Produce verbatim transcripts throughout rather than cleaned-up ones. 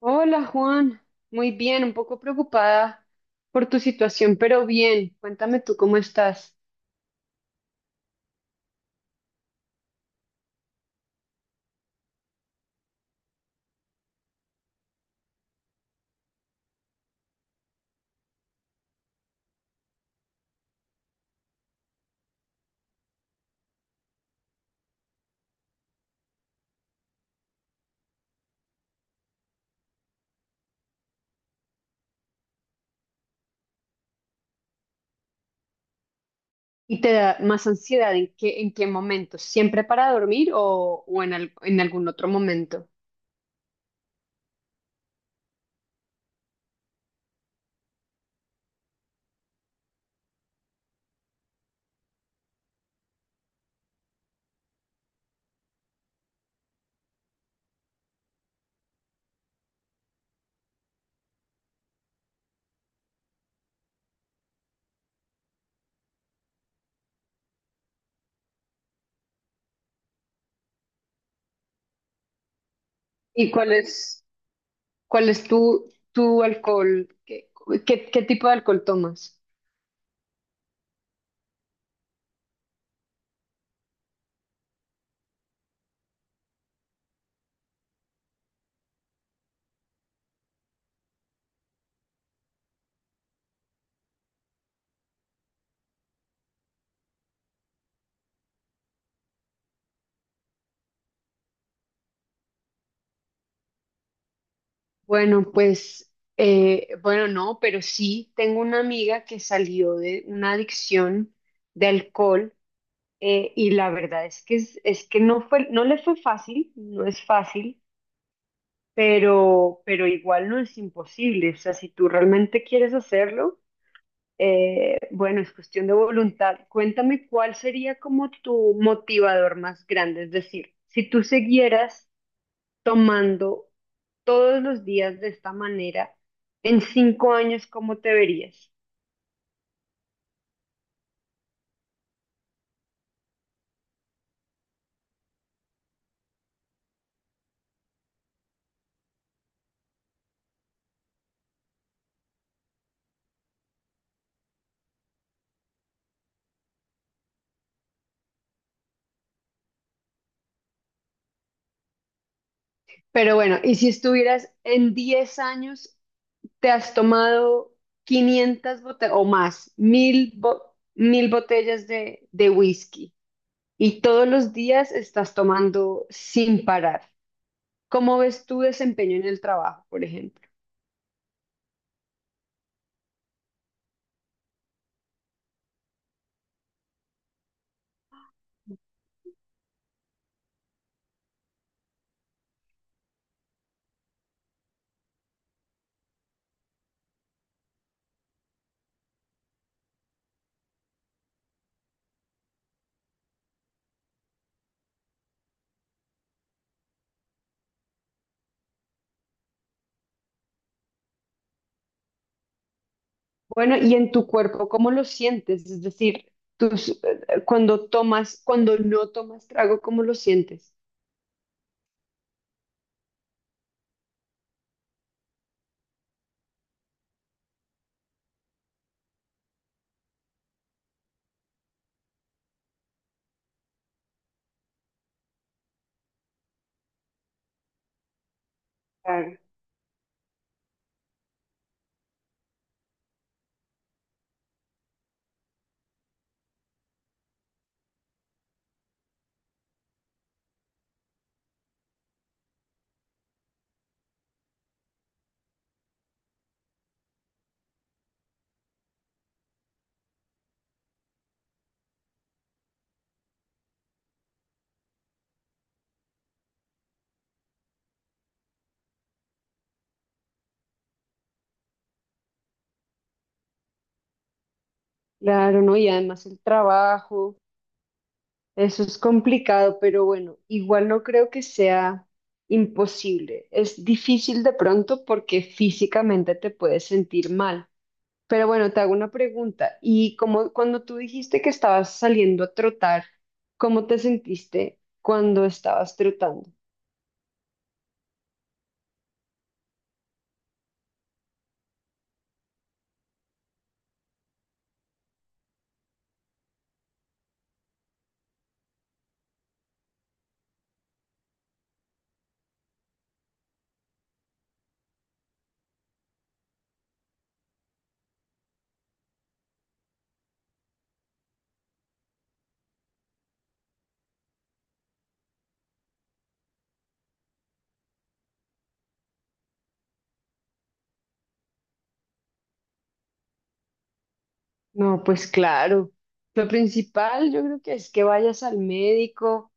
Hola Juan, muy bien, un poco preocupada por tu situación, pero bien, cuéntame tú cómo estás. Y te da más ansiedad en qué, en qué, momento, siempre para dormir o, o en, al- en algún otro momento. ¿Y cuál es, cuál es, tu, tu alcohol? ¿Qué, qué, qué tipo de alcohol tomas? Bueno, pues, eh, bueno, no, pero sí, tengo una amiga que salió de una adicción de alcohol. Eh, y la verdad es que, es, es que no fue, no le fue fácil, no es fácil, pero, pero igual no es imposible. O sea, si tú realmente quieres hacerlo, eh, bueno, es cuestión de voluntad. Cuéntame cuál sería como tu motivador más grande. Es decir, si tú siguieras tomando todos los días de esta manera, en cinco años, ¿cómo te verías? Pero bueno, y si estuvieras en diez años te has tomado quinientas botellas o más, mil, bo- mil botellas de, de whisky y todos los días estás tomando sin parar. ¿Cómo ves tu desempeño en el trabajo, por ejemplo? Bueno, y en tu cuerpo, ¿cómo lo sientes? Es decir, tus- eh, cuando tomas, cuando no tomas trago, ¿cómo lo sientes? Claro. Claro, ¿no? Y además el trabajo. Eso es complicado, pero bueno, igual no creo que sea imposible. Es difícil de pronto porque físicamente te puedes sentir mal. Pero bueno, te hago una pregunta. Y como cuando tú dijiste que estabas saliendo a trotar, ¿cómo te sentiste cuando estabas trotando? No, pues claro. Lo principal yo creo que es que vayas al médico,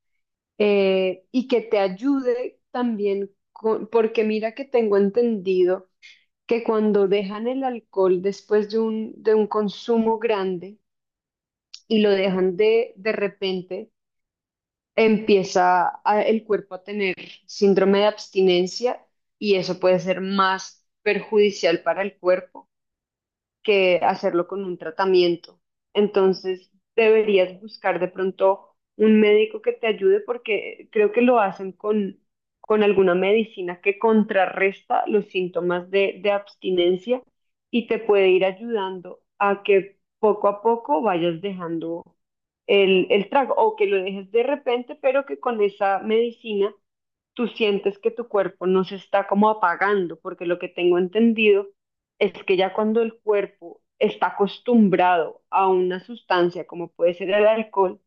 eh, y que te ayude también con- porque mira que tengo entendido que cuando dejan el alcohol después de un, de un consumo grande y lo dejan de, de repente, empieza a- el cuerpo a tener síndrome de abstinencia y eso puede ser más perjudicial para el cuerpo que hacerlo con un tratamiento. Entonces, deberías buscar de pronto un médico que te ayude porque creo que lo hacen con, con alguna medicina que contrarresta los síntomas de, de abstinencia y te puede ir ayudando a que poco a poco vayas dejando el, el trago o que lo dejes de repente, pero que con esa medicina tú sientes que tu cuerpo no se está como apagando, porque lo que tengo entendido es que ya cuando el cuerpo está acostumbrado a una sustancia como puede ser el alcohol,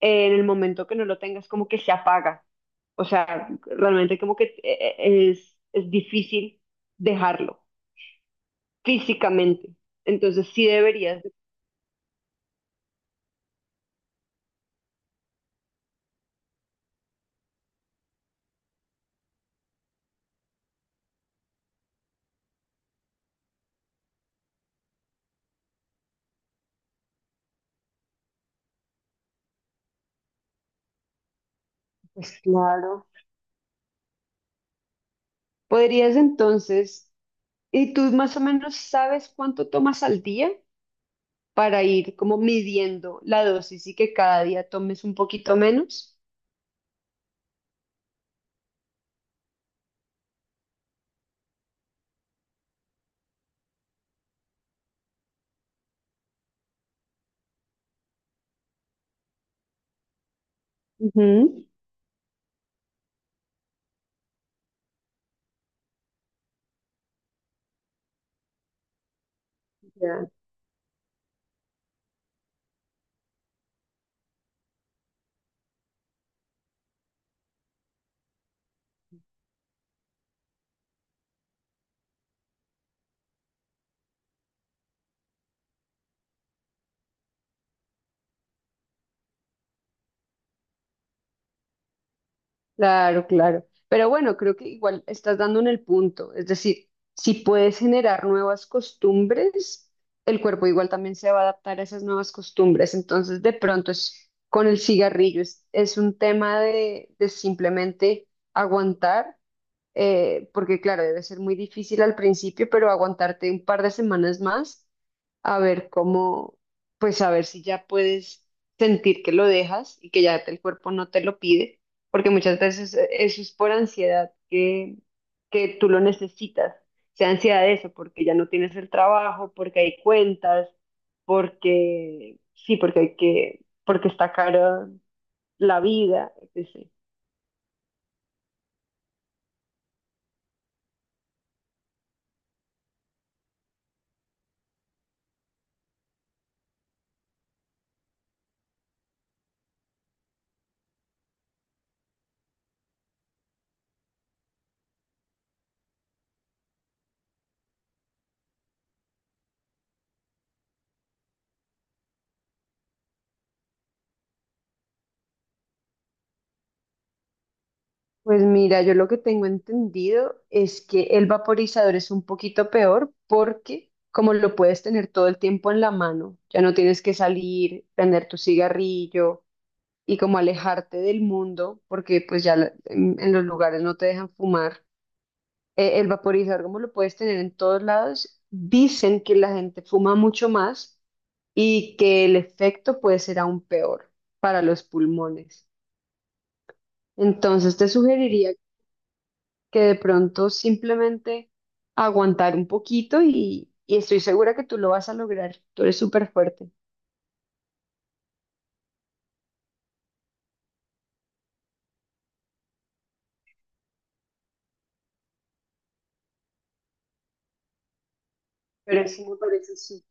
eh, en el momento que no lo tengas como que se apaga. O sea, realmente como que eh, eh, es, es difícil dejarlo físicamente. Entonces sí deberías, de- Pues claro. Podrías entonces, ¿y tú más o menos sabes cuánto tomas al día? Para ir como midiendo la dosis y que cada día tomes un poquito menos. Ujú. Ya. Claro, claro. Pero bueno, creo que igual estás dando en el punto. Es decir, si puedes generar nuevas costumbres, el cuerpo igual también se va a adaptar a esas nuevas costumbres. Entonces, de pronto es con el cigarrillo, es, es un tema de, de simplemente aguantar, eh, porque claro, debe ser muy difícil al principio, pero aguantarte un par de semanas más a ver cómo, pues a ver si ya puedes sentir que lo dejas y que ya te- el cuerpo no te lo pide, porque muchas veces eh, eso es por ansiedad que, que, tú lo necesitas, sea ansiedad de eso, porque ya no tienes el trabajo, porque hay cuentas, porque sí, porque hay que, porque está cara la vida, etcétera. Pues mira, yo lo que tengo entendido es que el vaporizador es un poquito peor porque como lo puedes tener todo el tiempo en la mano, ya no tienes que salir, prender tu cigarrillo y como alejarte del mundo porque pues ya la- en, en los lugares no te dejan fumar. Eh, el vaporizador como lo puedes tener en todos lados, dicen que la gente fuma mucho más y que el efecto puede ser aún peor para los pulmones. Entonces te sugeriría que de pronto simplemente aguantar un poquito y, y estoy segura que tú lo vas a lograr. Tú eres súper fuerte. Pero eso me parece súper.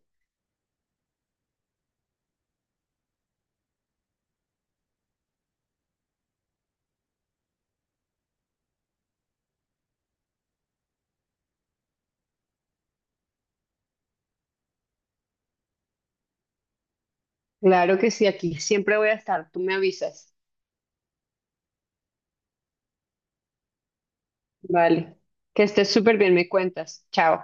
Claro que sí, aquí siempre voy a estar. Tú me avisas. Vale. Que estés súper bien, me cuentas. Chao.